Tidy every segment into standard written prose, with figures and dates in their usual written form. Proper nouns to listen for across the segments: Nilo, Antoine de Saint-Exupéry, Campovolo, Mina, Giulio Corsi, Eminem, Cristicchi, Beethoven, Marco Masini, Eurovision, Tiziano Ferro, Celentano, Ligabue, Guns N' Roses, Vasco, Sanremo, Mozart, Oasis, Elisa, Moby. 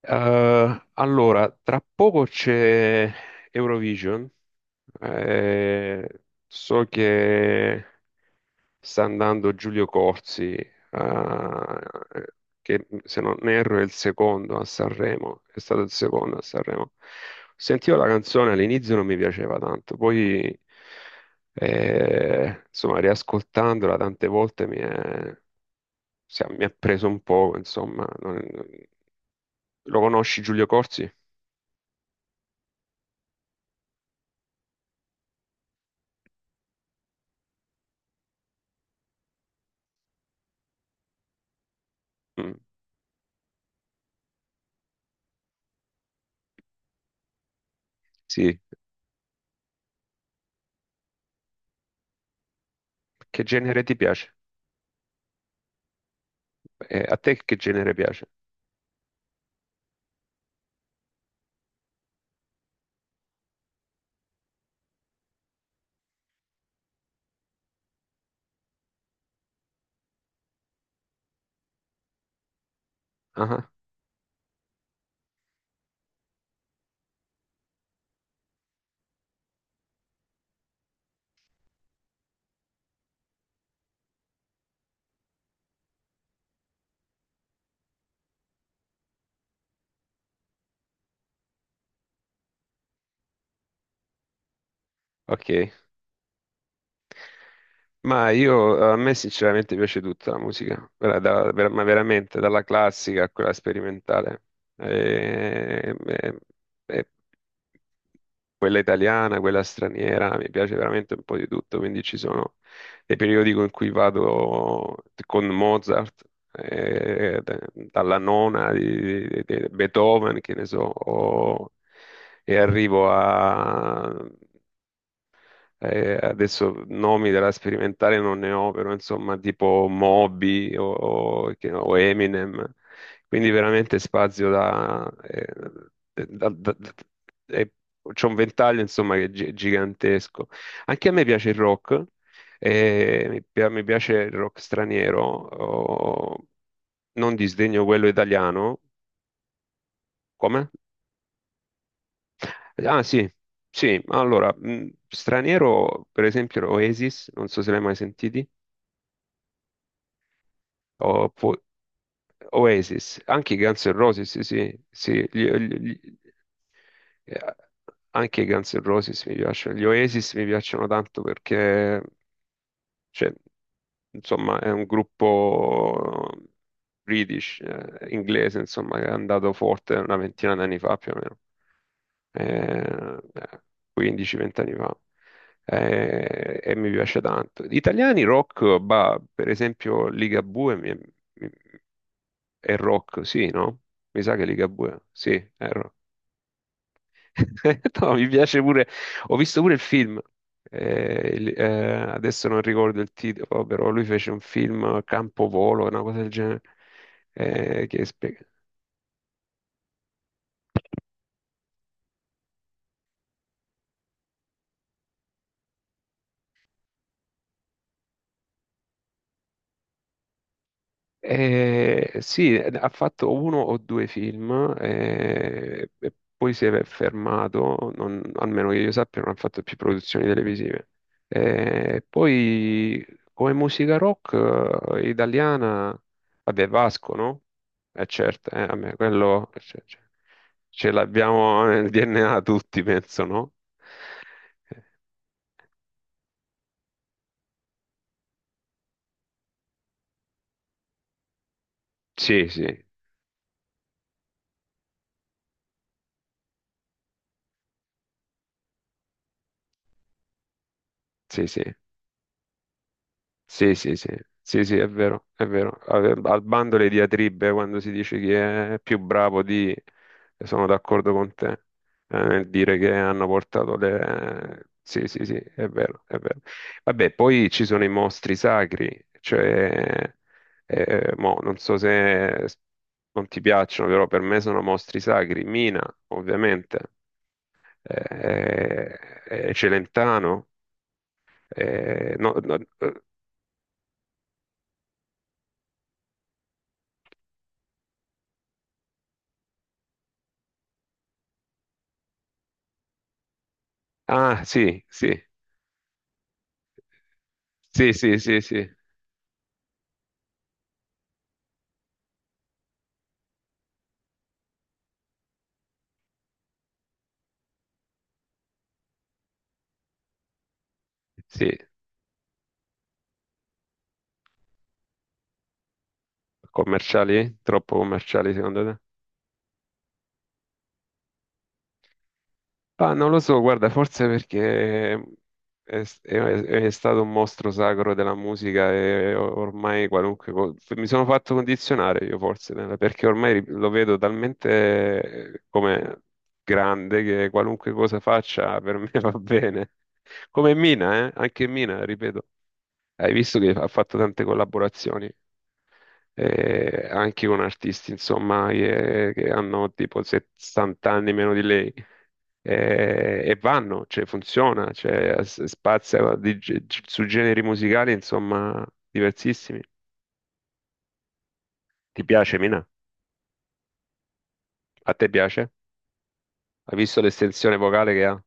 Allora, tra poco c'è Eurovision. Eh, so che sta andando Giulio Corsi, che se non erro è il secondo a Sanremo, è stato il secondo a Sanremo. Sentivo la canzone, all'inizio non mi piaceva tanto, poi insomma, riascoltandola tante volte mi è, mi ha preso un po', insomma. Lo conosci Giulio Corsi? Mm, sì. Che genere ti piace? A te che genere piace? Ah, ok. Ma io, a me sinceramente piace tutta la musica, ma veramente, dalla classica a quella sperimentale. Eh, eh, eh, Quella italiana, quella straniera, mi piace veramente un po' di tutto, quindi ci sono dei periodi in cui vado con Mozart, dalla nona di, di Beethoven, che ne so, e arrivo a adesso nomi della sperimentale non ne ho, però insomma tipo Moby o, o Eminem, quindi veramente spazio. Da- da- da- eh, C'è un ventaglio insomma che è gigantesco. Anche a me piace il rock, mi piace il rock straniero, oh, non disdegno quello italiano. Come? Ah sì, sì, allora, straniero per esempio Oasis, non so se l'hai mai sentiti. Oppo- Oasis, anche i Guns N' Roses, sì, sì, sì, eh, anche i Guns N' Roses mi piacciono, gli Oasis mi piacciono tanto perché, cioè, insomma, è un gruppo British, inglese, insomma, che è andato forte una ventina d'anni fa più o meno. 15-20 anni fa, e mi piace tanto. Gli italiani rock, bah, per esempio Ligabue mi- è rock, sì, no? Mi sa che Ligabue, sì, è rock. No, mi piace pure, ho visto pure il film, eh, il- eh, adesso non ricordo il titolo, però lui fece un film Campovolo, una cosa del genere. eh, che spe- sì, ha fatto uno o due film, e poi si è fermato, almeno che io sappia, non ha fatto più produzioni televisive. Poi, come musica rock italiana, vabbè, Vasco, no? Eh certo, vabbè, quello, cioè, cioè, ce l'abbiamo nel DNA tutti, penso, no? Eh, sì, sì, sì, sì. Sì, sì, sì, sì, sì, è vero, è vero. Al bando le diatribe quando si dice chi è più bravo di. Sono d'accordo con te, nel dire che hanno portato le. Sì, sì, sì, è vero, è vero. Vabbè, poi ci sono i mostri sacri, cioè. eh, Non so se non ti piacciono, però per me sono mostri sacri. Mina, ovviamente, eh, Celentano. eh, no- no- eh, Ah, sì, sì. Sì, sì, sì, sì, sì. Commerciali? Troppo commerciali secondo te? Ah, non lo so, guarda, forse perché è stato un mostro sacro della musica e ormai qualunque cosa. Mi sono fatto condizionare io, forse, perché ormai lo vedo talmente come grande che qualunque cosa faccia per me va bene. Come Mina, eh? Anche Mina, ripeto. Hai visto che ha fatto tante collaborazioni? Anche con artisti, insomma, che hanno tipo 70 anni meno di lei. E vanno, cioè funziona, cioè, spazia su generi musicali, insomma, diversissimi. Ti piace, Mina? A te piace? Hai visto l'estensione vocale che ha?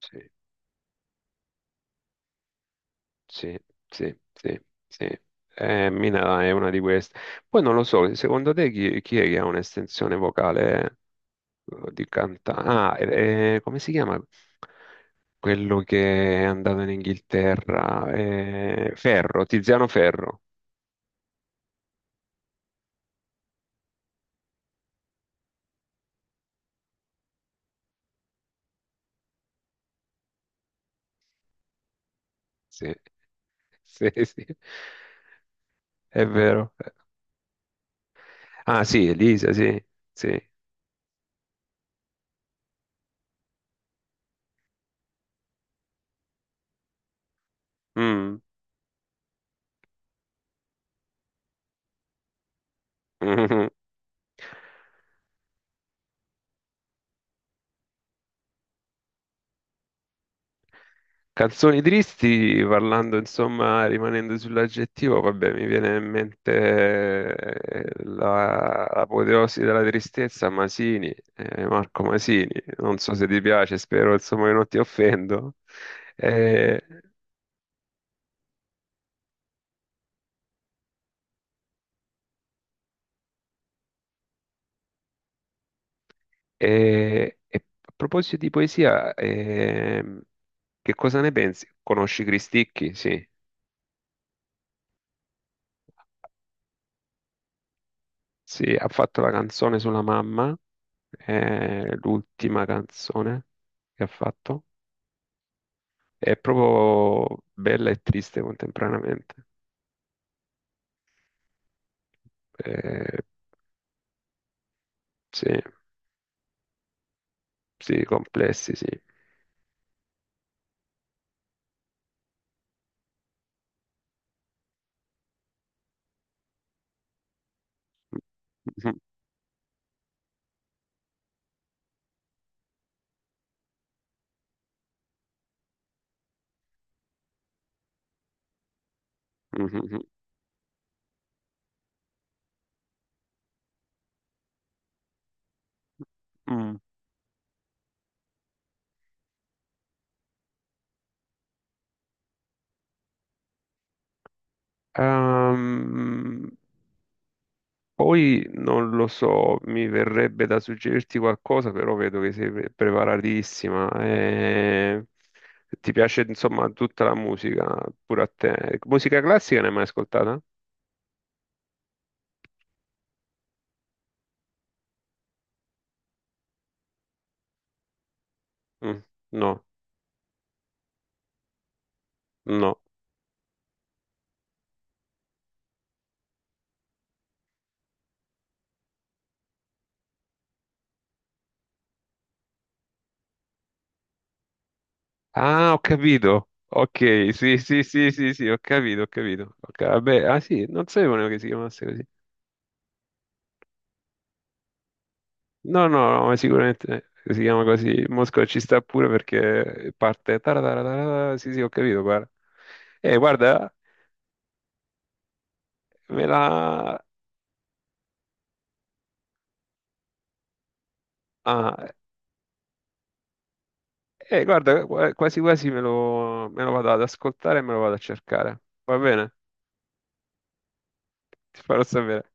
Sì, sì, sì, sì, sì. Mina è una di queste. Poi non lo so, secondo te chi è che ha un'estensione vocale? Di cantante. Ah, come si chiama? Quello che è andato in Inghilterra, Ferro, Tiziano Ferro. Sì, sì, sì, è vero. Ah, sì, Elisa, sì, sì. Mm. Canzoni tristi, parlando insomma, rimanendo sull'aggettivo, vabbè, mi viene in mente l'apoteosi della tristezza, Masini, Marco Masini, non so se ti piace, spero insomma che non ti offendo. Eh, e a proposito di poesia, che cosa ne pensi? Conosci Cristicchi? Sì, sì, ha fatto la canzone sulla mamma, l'ultima canzone che ha fatto. È proprio bella e triste contemporaneamente. Eh, sì, sì, complessi, sì. Mhm, mhm, mhm. Ehm, Poi non lo so, mi verrebbe da suggerirti qualcosa, però vedo che sei preparatissima. Ti piace, insomma, tutta la musica, pure a te. Musica classica ne hai mai ascoltata? Mm, no, no. Ah, ho capito. Ok, sì, sì, sì, sì, sì, ho capito, ho capito. Ok, vabbè, ah sì, non sapevo neanche che si chiamasse così. No, no, no, ma sicuramente si chiama così. Mosca ci sta pure perché parte, tarararara. Sì, sì, ho capito, guarda. Guarda, me la. Ah, guarda, quasi quasi me lo vado ad ascoltare e me lo vado a cercare. Va bene? Ti farò sapere.